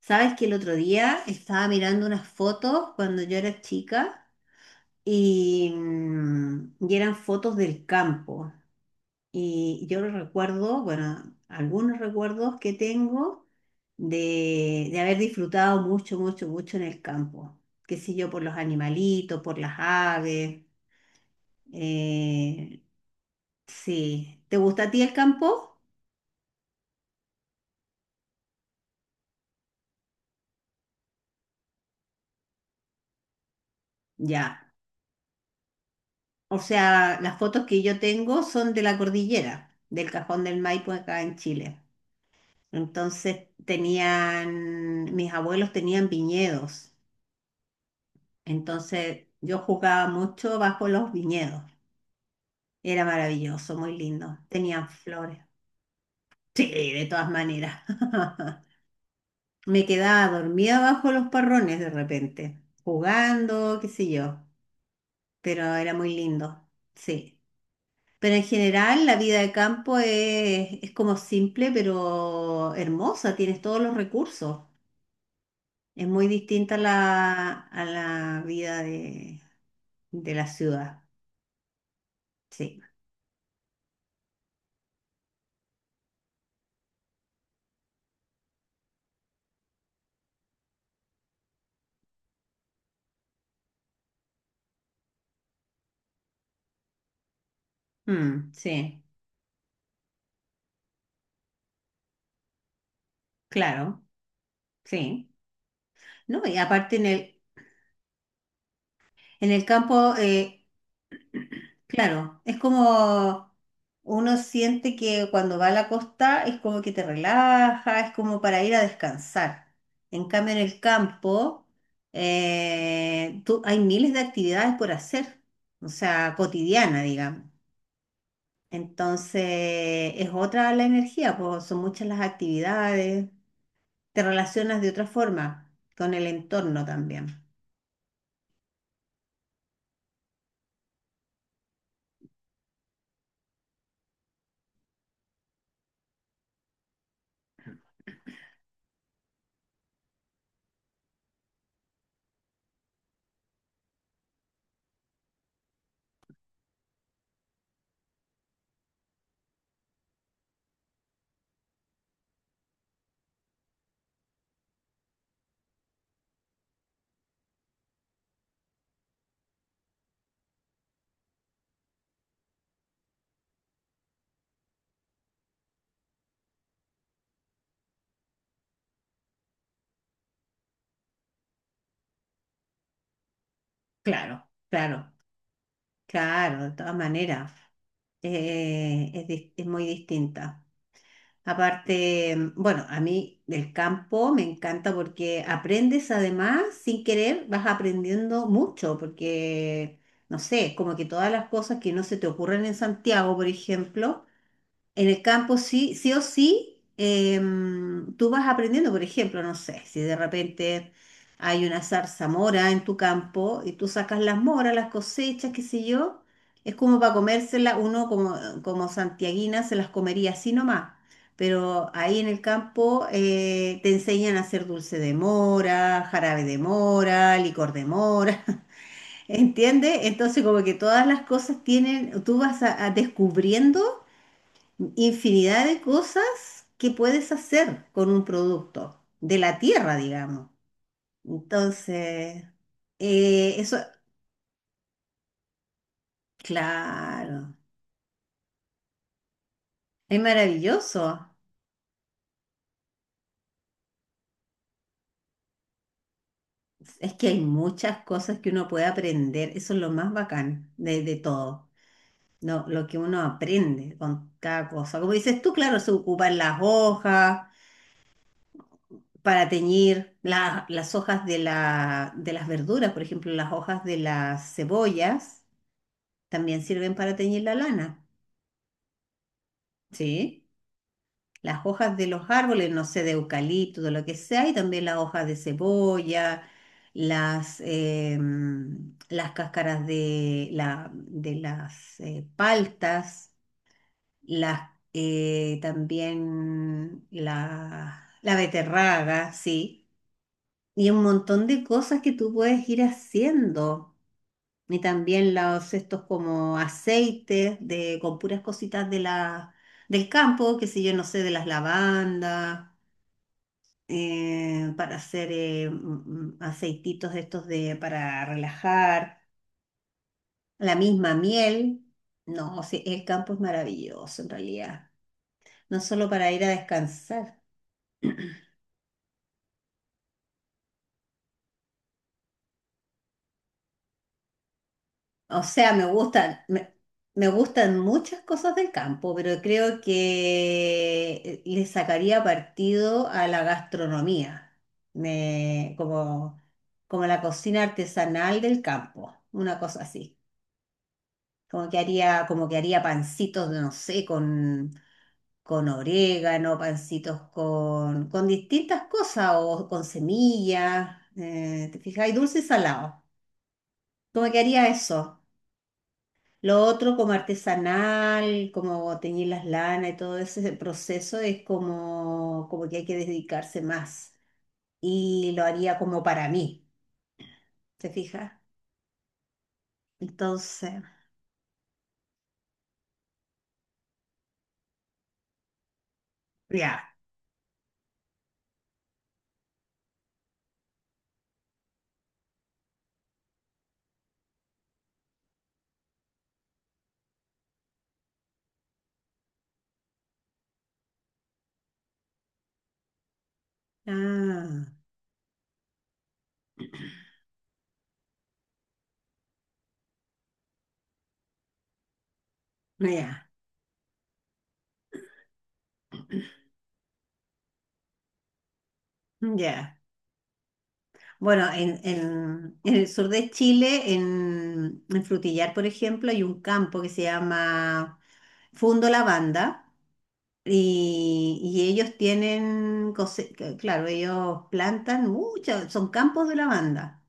Sabes que el otro día estaba mirando unas fotos cuando yo era chica y eran fotos del campo. Y yo recuerdo, bueno, algunos recuerdos que tengo de haber disfrutado mucho, mucho, mucho en el campo. Qué sé yo, por los animalitos, por las aves. eh, sí. ¿Te gusta a ti el campo? Ya. O sea, las fotos que yo tengo son de la cordillera, del Cajón del Maipo acá en Chile. Entonces tenían, mis abuelos tenían viñedos, entonces yo jugaba mucho bajo los viñedos. Era maravilloso, muy lindo. Tenían flores. Sí, de todas maneras. Me quedaba dormida bajo los parrones de repente, jugando, qué sé yo, pero era muy lindo, sí. Pero en general la vida de campo es como simple, pero hermosa, tienes todos los recursos. Es muy distinta a la vida de la ciudad. Sí. Mm, sí, claro, sí. No, y aparte en el campo, claro, es como uno siente que cuando va a la costa es como que te relaja, es como para ir a descansar. En cambio, en el campo, tú, hay miles de actividades por hacer, o sea, cotidiana, digamos. Entonces, es otra la energía, pues son muchas las actividades, te relacionas de otra forma con el entorno también. Claro, claro, claro, de todas maneras, es, es muy distinta. Aparte, bueno, a mí del campo me encanta porque aprendes además, sin querer, vas aprendiendo mucho, porque, no sé, como que todas las cosas que no se te ocurren en Santiago, por ejemplo, en el campo sí, sí o sí, tú vas aprendiendo, por ejemplo, no sé, si de repente hay una zarzamora en tu campo y tú sacas las moras, las cosechas, qué sé yo, es como para comérselas, uno como, como santiaguina se las comería así nomás, pero ahí en el campo te enseñan a hacer dulce de mora, jarabe de mora, licor de mora. ¿Entiendes? Entonces como que todas las cosas tienen, tú vas a descubriendo infinidad de cosas que puedes hacer con un producto de la tierra, digamos. Entonces, eso, claro, es maravilloso. Es que hay muchas cosas que uno puede aprender. Eso es lo más bacán de todo. No, lo que uno aprende con cada cosa. Como dices tú, claro, se ocupan las hojas para teñir las hojas de las verduras, por ejemplo, las hojas de las cebollas también sirven para teñir la lana, ¿sí? Las hojas de los árboles, no sé, de eucalipto, de lo que sea, y también las hojas de cebolla, las cáscaras de las paltas, también la beterraga, ¿sí? Y un montón de cosas que tú puedes ir haciendo. Y también los estos como aceites de, con puras cositas de del campo, que sé yo, no sé, de las lavandas, para hacer aceititos de estos para relajar, la misma miel. No, sí, el campo es maravilloso en realidad, no solo para ir a descansar. O sea, me gustan muchas cosas del campo, pero creo que le sacaría partido a la gastronomía, me, como, como la cocina artesanal del campo, una cosa así. Como que haría pancitos, no sé, con orégano, pancitos con distintas cosas o con semillas, te fijas, y dulce y salado. ¿Cómo que haría eso? Lo otro como artesanal, como teñir las lanas y todo ese proceso es como, como que hay que dedicarse más. Y lo haría como para mí, ¿te fijas? Entonces, ya. Ah, ya, ya. Bueno, en el sur de Chile, en Frutillar, por ejemplo, hay un campo que se llama Fundo Lavanda. Y ellos tienen, claro, ellos plantan muchas, son campos de lavanda.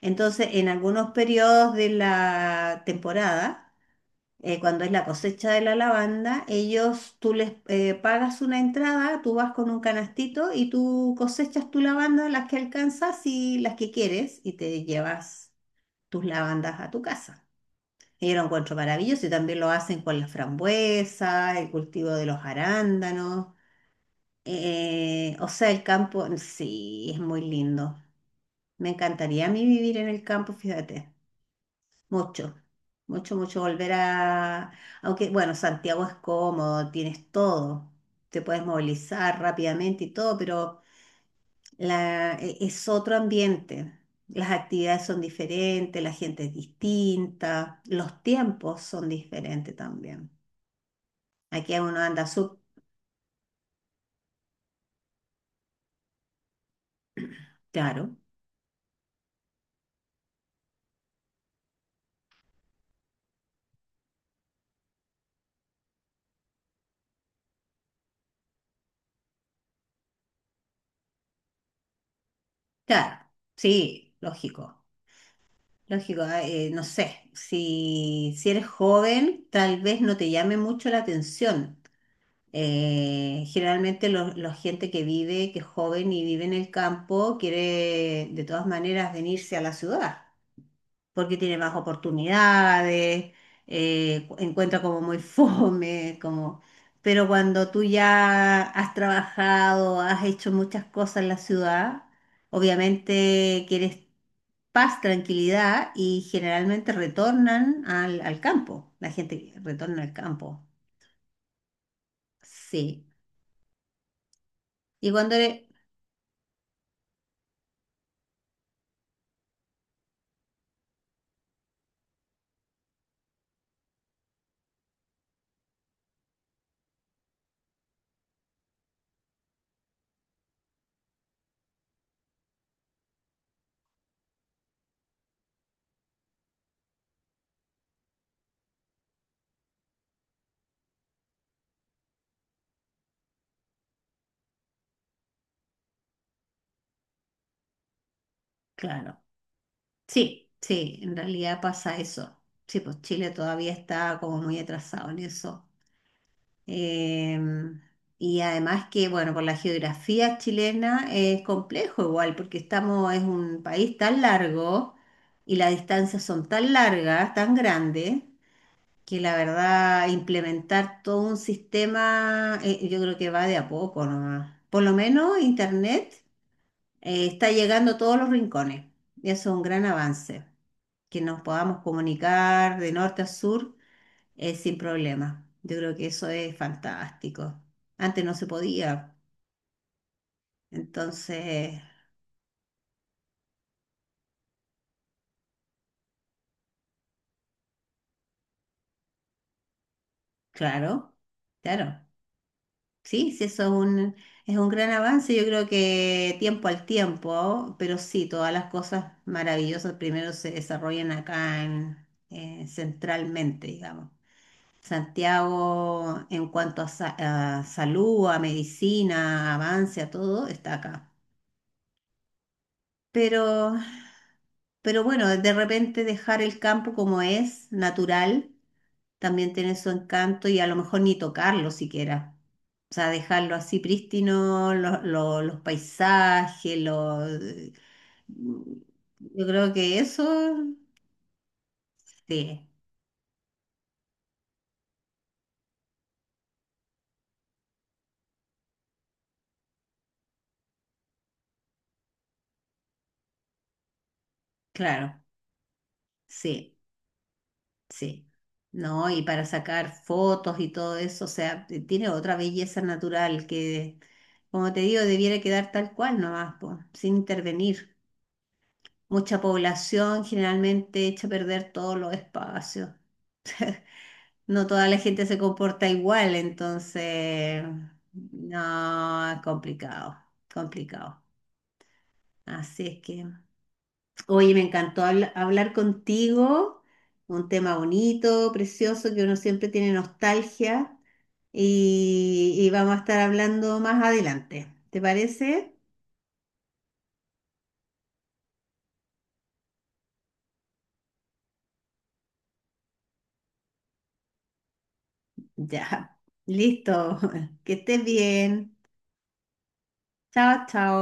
Entonces, en algunos periodos de la temporada, cuando es la cosecha de la lavanda, ellos, tú les pagas una entrada, tú vas con un canastito y tú cosechas tu lavanda, las que alcanzas y las que quieres, y te llevas tus lavandas a tu casa. Y yo lo encuentro maravilloso y también lo hacen con la frambuesa, el cultivo de los arándanos. O sea, el campo, sí, es muy lindo. Me encantaría a mí vivir en el campo, fíjate. Mucho, mucho, mucho volver a... Aunque, bueno, Santiago es cómodo, tienes todo, te puedes movilizar rápidamente y todo, pero es otro ambiente. Las actividades son diferentes, la gente es distinta, los tiempos son diferentes también. Aquí uno anda sub... Claro, claro, sí, lógico. Lógico, ah, no sé, si eres joven, tal vez no te llame mucho la atención. Generalmente la gente que vive, que es joven y vive en el campo, quiere de todas maneras venirse a la ciudad, porque tiene más oportunidades, encuentra como muy fome, como... Pero cuando tú ya has trabajado, has hecho muchas cosas en la ciudad, obviamente quieres paz, tranquilidad y generalmente retornan al campo. La gente retorna al campo. Sí. Y cuando eres, claro, sí, sí, en realidad pasa eso. Sí, pues Chile todavía está como muy atrasado en eso. Em, y además que, bueno, por la geografía chilena es complejo igual, porque estamos, es un país tan largo y las distancias son tan largas, tan grandes que la verdad implementar todo un sistema, yo creo que va de a poco nomás. Por lo menos Internet está llegando a todos los rincones y eso es un gran avance, que nos podamos comunicar de norte a sur sin problema. Yo creo que eso es fantástico. Antes no se podía, entonces, claro, claro. Sí, sí, eso es un gran avance, yo creo que tiempo al tiempo, pero sí, todas las cosas maravillosas primero se desarrollan acá en, centralmente, digamos. Santiago, en cuanto a, a salud, a medicina, avance, a todo, está acá. Pero, pero bueno, de repente dejar el campo como es, natural, también tiene su encanto y a lo mejor ni tocarlo siquiera. O sea, dejarlo así prístino, los paisajes, los... Yo creo que eso, sí, claro, sí, sí. No, y para sacar fotos y todo eso, o sea, tiene otra belleza natural que, como te digo, debiera quedar tal cual nomás, po, sin intervenir. Mucha población generalmente echa a perder todos los espacios. No toda la gente se comporta igual, entonces, no, es complicado, complicado. Así es que, oye, me encantó hablar contigo, un tema bonito, precioso, que uno siempre tiene nostalgia y vamos a estar hablando más adelante. ¿Te parece? Ya, listo, que estés bien. Chao, chao.